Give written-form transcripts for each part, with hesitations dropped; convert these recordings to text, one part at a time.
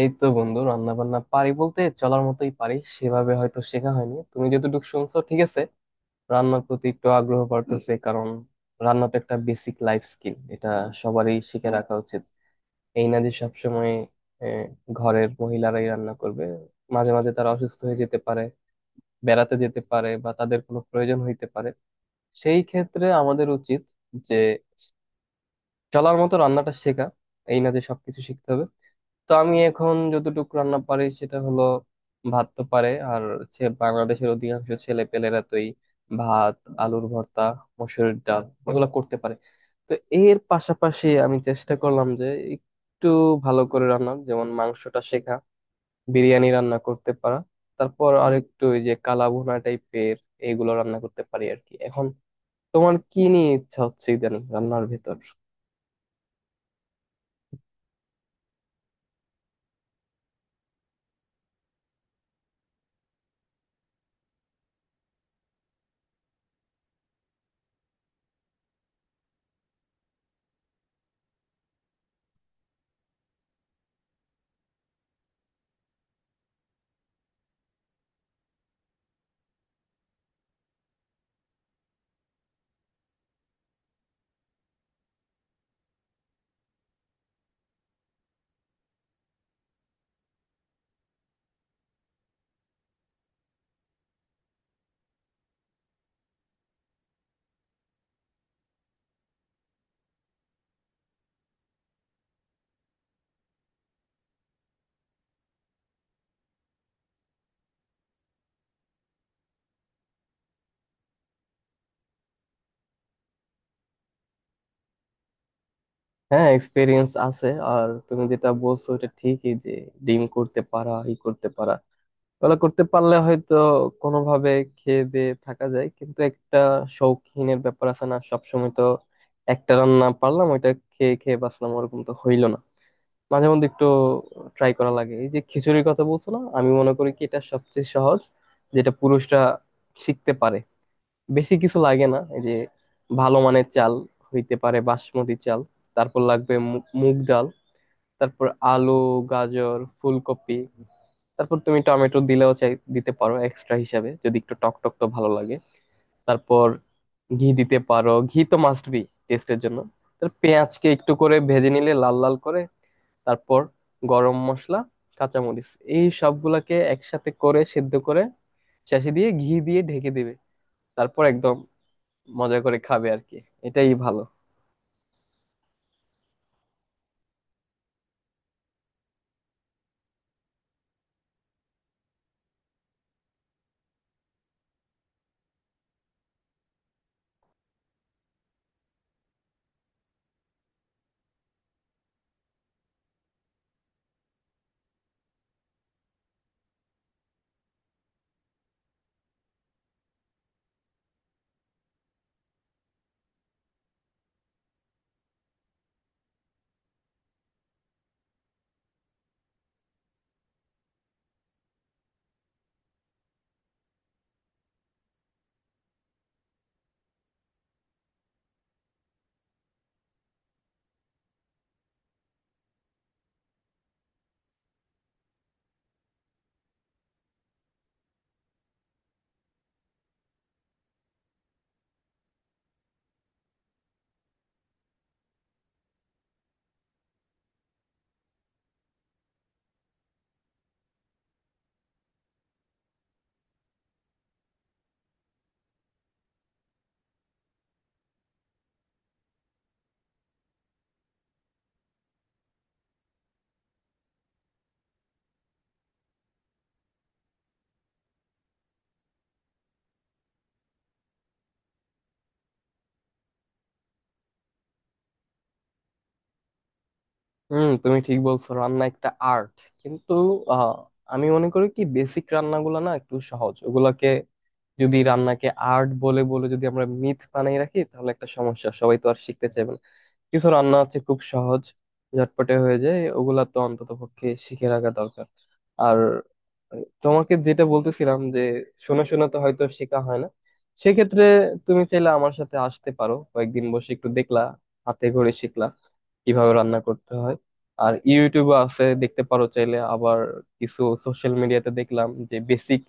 এই তো বন্ধু রান্না বান্না পারি বলতে চলার মতোই পারি সেভাবে হয়তো শেখা হয়নি তুমি যতটুকু শুনছো ঠিক আছে। রান্নার প্রতি একটু আগ্রহ বাড়তেছে, কারণ রান্না তো একটা বেসিক লাইফ স্কিল, এটা সবারই শিখে রাখা উচিত। এই না যে সবসময় আহ, ঘরের মহিলারাই রান্না করবে। মাঝে মাঝে তারা অসুস্থ হয়ে যেতে পারে, বেড়াতে যেতে পারে বা তাদের কোনো প্রয়োজন হইতে পারে। সেই ক্ষেত্রে আমাদের উচিত যে চলার মতো রান্নাটা শেখা, এই না যে সবকিছু শিখতে হবে। তো আমি এখন যতটুকু রান্না পারি সেটা হলো, ভাত তো পারে, আর হচ্ছে বাংলাদেশের অধিকাংশ ছেলে পেলেরা তো এই ভাত, আলুর ভর্তা, মসুরের ডাল এগুলো করতে পারে। তো এর পাশাপাশি আমি চেষ্টা করলাম যে একটু ভালো করে রান্না যেমন মাংসটা শেখা, বিরিয়ানি রান্না করতে পারা, তারপর আরেকটু ওই যে কালাভুনা টাইপের, এগুলো রান্না করতে পারি আর কি এখন। তোমার কি নিয়ে ইচ্ছা হচ্ছে ইদানিং রান্নার ভেতর? হ্যাঁ, এক্সপিরিয়েন্স আছে। আর তুমি যেটা বলছো এটা ঠিকই যে ডিম করতে পারা, ই করতে পারা, ওগুলো করতে পারলে হয়তো কোনোভাবে খেয়ে দিয়ে থাকা যায়, কিন্তু একটা শৌখিনের ব্যাপার আছে না, সবসময় তো একটা রান্না পারলাম, ওইটা খেয়ে খেয়ে বাঁচলাম ওরকম তো হইলো না। মাঝে মধ্যে একটু ট্রাই করা লাগে। এই যে খিচুড়ির কথা বলছো না, আমি মনে করি কি এটা সবচেয়ে সহজ, যেটা পুরুষরা শিখতে পারে। বেশি কিছু লাগে না, এই যে ভালো মানের চাল, হইতে পারে বাসমতি চাল, তারপর লাগবে মুগ ডাল, তারপর আলু, গাজর, ফুলকপি, তারপর তুমি টমেটো দিলেও চাই দিতে পারো এক্সট্রা হিসাবে, যদি একটু টক টক তো ভালো লাগে। তারপর ঘি দিতে পারো, ঘি তো মাস্ট বি টেস্টের জন্য। তার পেঁয়াজকে একটু করে ভেজে নিলে লাল লাল করে, তারপর গরম মশলা, কাঁচামরিচ, এই সবগুলাকে একসাথে করে সেদ্ধ করে শেষে দিয়ে ঘি দিয়ে ঢেকে দিবে। তারপর একদম মজা করে খাবে আর কি, এটাই ভালো। হুম, তুমি ঠিক বলছো, রান্না একটা আর্ট, কিন্তু আহ, আমি মনে করি কি বেসিক রান্নাগুলো না একটু সহজ, ওগুলাকে যদি রান্নাকে আর্ট বলে বলে যদি আমরা মিথ বানিয়ে রাখি তাহলে একটা সমস্যা, সবাই তো আর শিখতে চাইবে না। কিছু রান্না আছে খুব সহজ, ঝটপটে হয়ে যায়, ওগুলা তো অন্তত পক্ষে শিখে রাখা দরকার। আর তোমাকে যেটা বলতেছিলাম যে শোনা শোনা তো হয়তো শেখা হয় না, সেক্ষেত্রে তুমি চাইলে আমার সাথে আসতে পারো, কয়েকদিন বসে একটু দেখলা, হাতে ঘরে শিখলা কিভাবে রান্না করতে হয়। আর ইউটিউবে আছে, দেখতে পারো চাইলে আবার। কিছু সোশ্যাল মিডিয়াতে দেখলাম যে বেসিক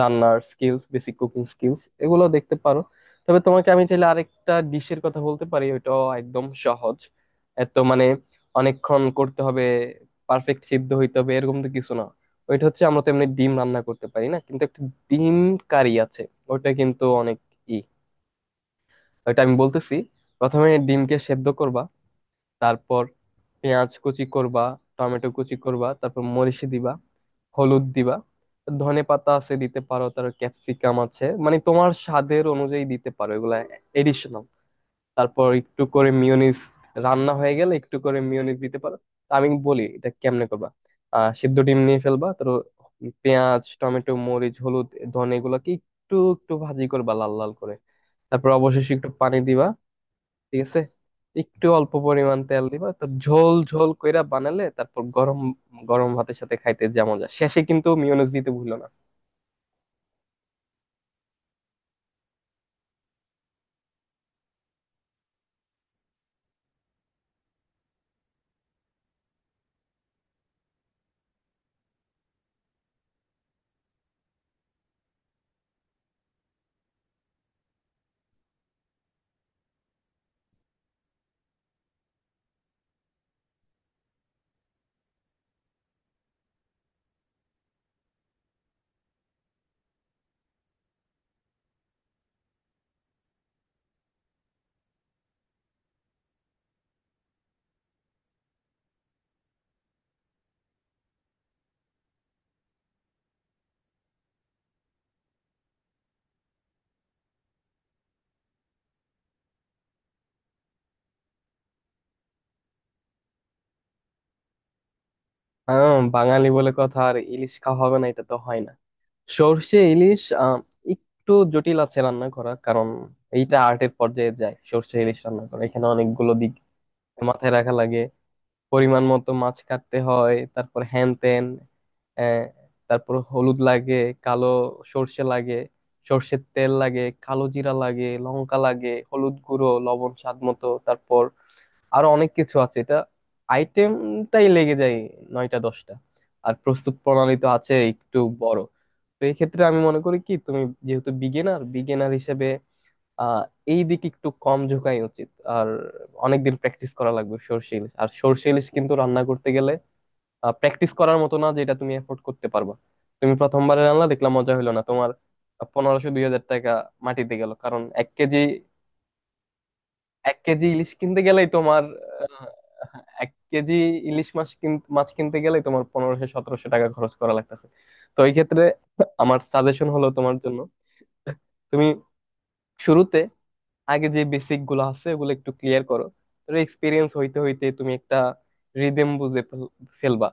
রান্নার স্কিলস, বেসিক কুকিং স্কিলস, এগুলো দেখতে পারো। তবে তোমাকে আমি চাইলে আরেকটা ডিশের কথা বলতে পারি, ওইটাও একদম সহজ। এত মানে অনেকক্ষণ করতে হবে, পারফেক্ট সিদ্ধ হইতে হবে এরকম তো কিছু না। ওইটা হচ্ছে, আমরা তো এমনি ডিম রান্না করতে পারি না, কিন্তু একটা ডিম কারি আছে, ওইটা কিন্তু অনেক ই। ওইটা আমি বলতেছি, প্রথমে ডিমকে সেদ্ধ করবা, তারপর পেঁয়াজ কুচি করবা, টমেটো কুচি করবা, তারপর মরিচ দিবা, হলুদ দিবা, ধনে পাতা আছে দিতে পারো, তার ক্যাপসিকাম আছে, মানে তোমার স্বাদের অনুযায়ী দিতে পারো এগুলা এডিশনাল। তারপর একটু করে মিয়োনিজ, রান্না হয়ে গেলে একটু করে মিয়োনিজ দিতে পারো। তা আমি বলি এটা কেমনে করবা। সিদ্ধ ডিম নিয়ে ফেলবা, তো পেঁয়াজ, টমেটো, মরিচ, হলুদ, ধনে, এগুলাকে একটু একটু ভাজি করবা লাল লাল করে, তারপর অবশেষে একটু পানি দিবা, ঠিক আছে। একটু অল্প পরিমাণ তেল দিবা, তো ঝোল ঝোল কইরা বানালে তারপর গরম গরম ভাতের সাথে খাইতে যা মজা। শেষে কিন্তু মিয়োনিজ দিতে ভুলো না। বাঙালি বলে কথা, আর ইলিশ খাওয়া হবে না এটা তো হয় না। সর্ষে ইলিশ একটু জটিল আছে রান্না করা, কারণ এইটা আর্টের পর্যায়ে যায়, সর্ষে ইলিশ রান্না করা। এখানে অনেকগুলো দিক মাথায় রাখা লাগে। পরিমাণ মতো মাছ কাটতে হয়, তারপর হ্যান ত্যান, আহ, তারপর হলুদ লাগে, কালো সর্ষে লাগে, সর্ষের তেল লাগে, কালো জিরা লাগে, লঙ্কা লাগে, হলুদ গুঁড়ো, লবণ স্বাদ মতো, তারপর আরো অনেক কিছু আছে। এটা আইটেমটাই লেগে যায় 9-10টা, আর প্রস্তুত প্রণালী তো আছে একটু বড়। তো এই ক্ষেত্রে আমি মনে করি কি তুমি যেহেতু বিগিনার, হিসেবে আহ এই দিকে একটু কম ঝোঁকাই উচিত। আর অনেকদিন প্র্যাকটিস করা লাগবে সর্ষে ইলিশ, আর সর্ষে ইলিশ কিন্তু রান্না করতে গেলে প্র্যাকটিস করার মতো না, যেটা তুমি এফোর্ড করতে পারবা। তুমি প্রথমবারে রান্না দেখলাম মজা হলো না, তোমার 1500 2000 টাকা মাটিতে গেল, কারণ 1 কেজি, 1 কেজি ইলিশ কিনতে গেলেই তোমার আহ, 1 কেজি ইলিশ মাছ কিনতে গেলেই তোমার 1500 1700 টাকা খরচ করা লাগতেছে। তো এই ক্ষেত্রে আমার সাজেশন হলো তোমার জন্য, তুমি শুরুতে আগে যে বেসিক গুলো আছে ওগুলো একটু ক্লিয়ার করো, তাহলে এক্সপিরিয়েন্স হইতে হইতে তুমি একটা রিদেম বুঝে ফেলবা,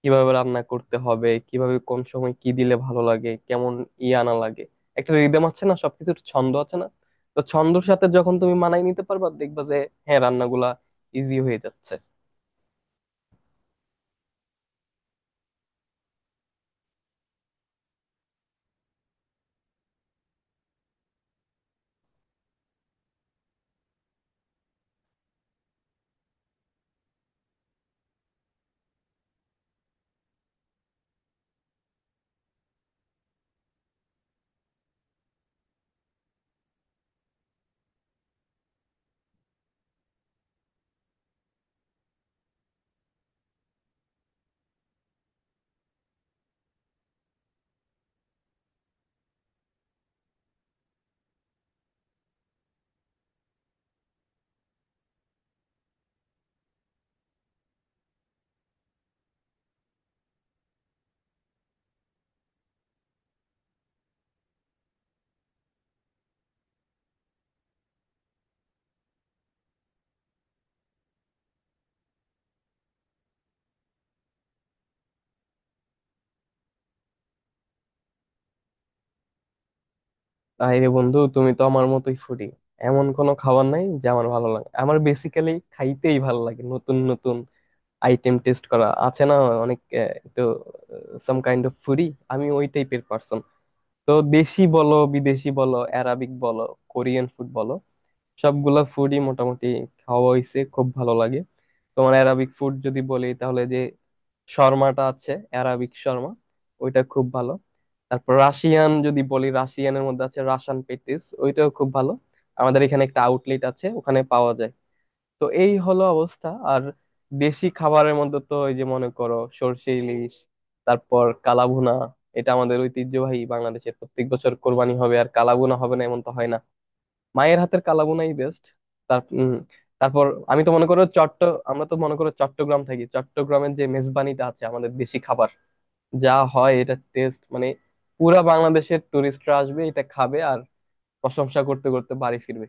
কিভাবে রান্না করতে হবে, কিভাবে কোন সময় কি দিলে ভালো লাগে, কেমন ই আনা লাগে, একটা রিদেম আছে না, সবকিছুর ছন্দ আছে না। তো ছন্দর সাথে যখন তুমি মানায় নিতে পারবা, দেখবা যে হ্যাঁ, রান্নাগুলা ইজি হয়ে যাচ্ছে। তাই রে বন্ধু, তুমি তো আমার মতোই ফুডি। এমন কোনো খাবার নাই যে আমার ভালো লাগে, আমার বেসিক্যালি খাইতেই ভালো লাগে, নতুন নতুন আইটেম টেস্ট করা আছে না অনেক, একটু সাম কাইন্ড অফ ফুডি, আমি ওই টাইপের পার্সন। তো দেশি বলো, বিদেশি বলো, অ্যারাবিক বলো, কোরিয়ান ফুড বলো, সবগুলা ফুডই মোটামুটি খাওয়া হইছে, খুব ভালো লাগে। তোমার অ্যারাবিক ফুড যদি বলি তাহলে যে শর্মাটা আছে, অ্যারাবিক শর্মা, ওইটা খুব ভালো। তারপর রাশিয়ান যদি বলি, রাশিয়ানের মধ্যে আছে রাশান পেটিস, ওইটাও খুব ভালো। আমাদের এখানে একটা আউটলেট আছে, ওখানে পাওয়া যায়। তো এই হলো অবস্থা। আর দেশি খাবারের মধ্যে তো এই যে মনে করো সরষে ইলিশ, তারপর কালাভুনা। এটা আমাদের ঐতিহ্যবাহী, বাংলাদেশের প্রত্যেক বছর কোরবানি হবে আর কালাভুনা হবে না এমন তো হয় না। মায়ের হাতের কালাভুনাই বেস্ট। তার তারপর আমি তো মনে করো চট্ট আমরা তো মনে করো চট্টগ্রাম থাকি, চট্টগ্রামের যে মেজবানিটা আছে, আমাদের দেশি খাবার যা হয়, এটা টেস্ট মানে, পুরা বাংলাদেশের টুরিস্টরা আসবে এটা খাবে আর প্রশংসা করতে করতে বাড়ি ফিরবে।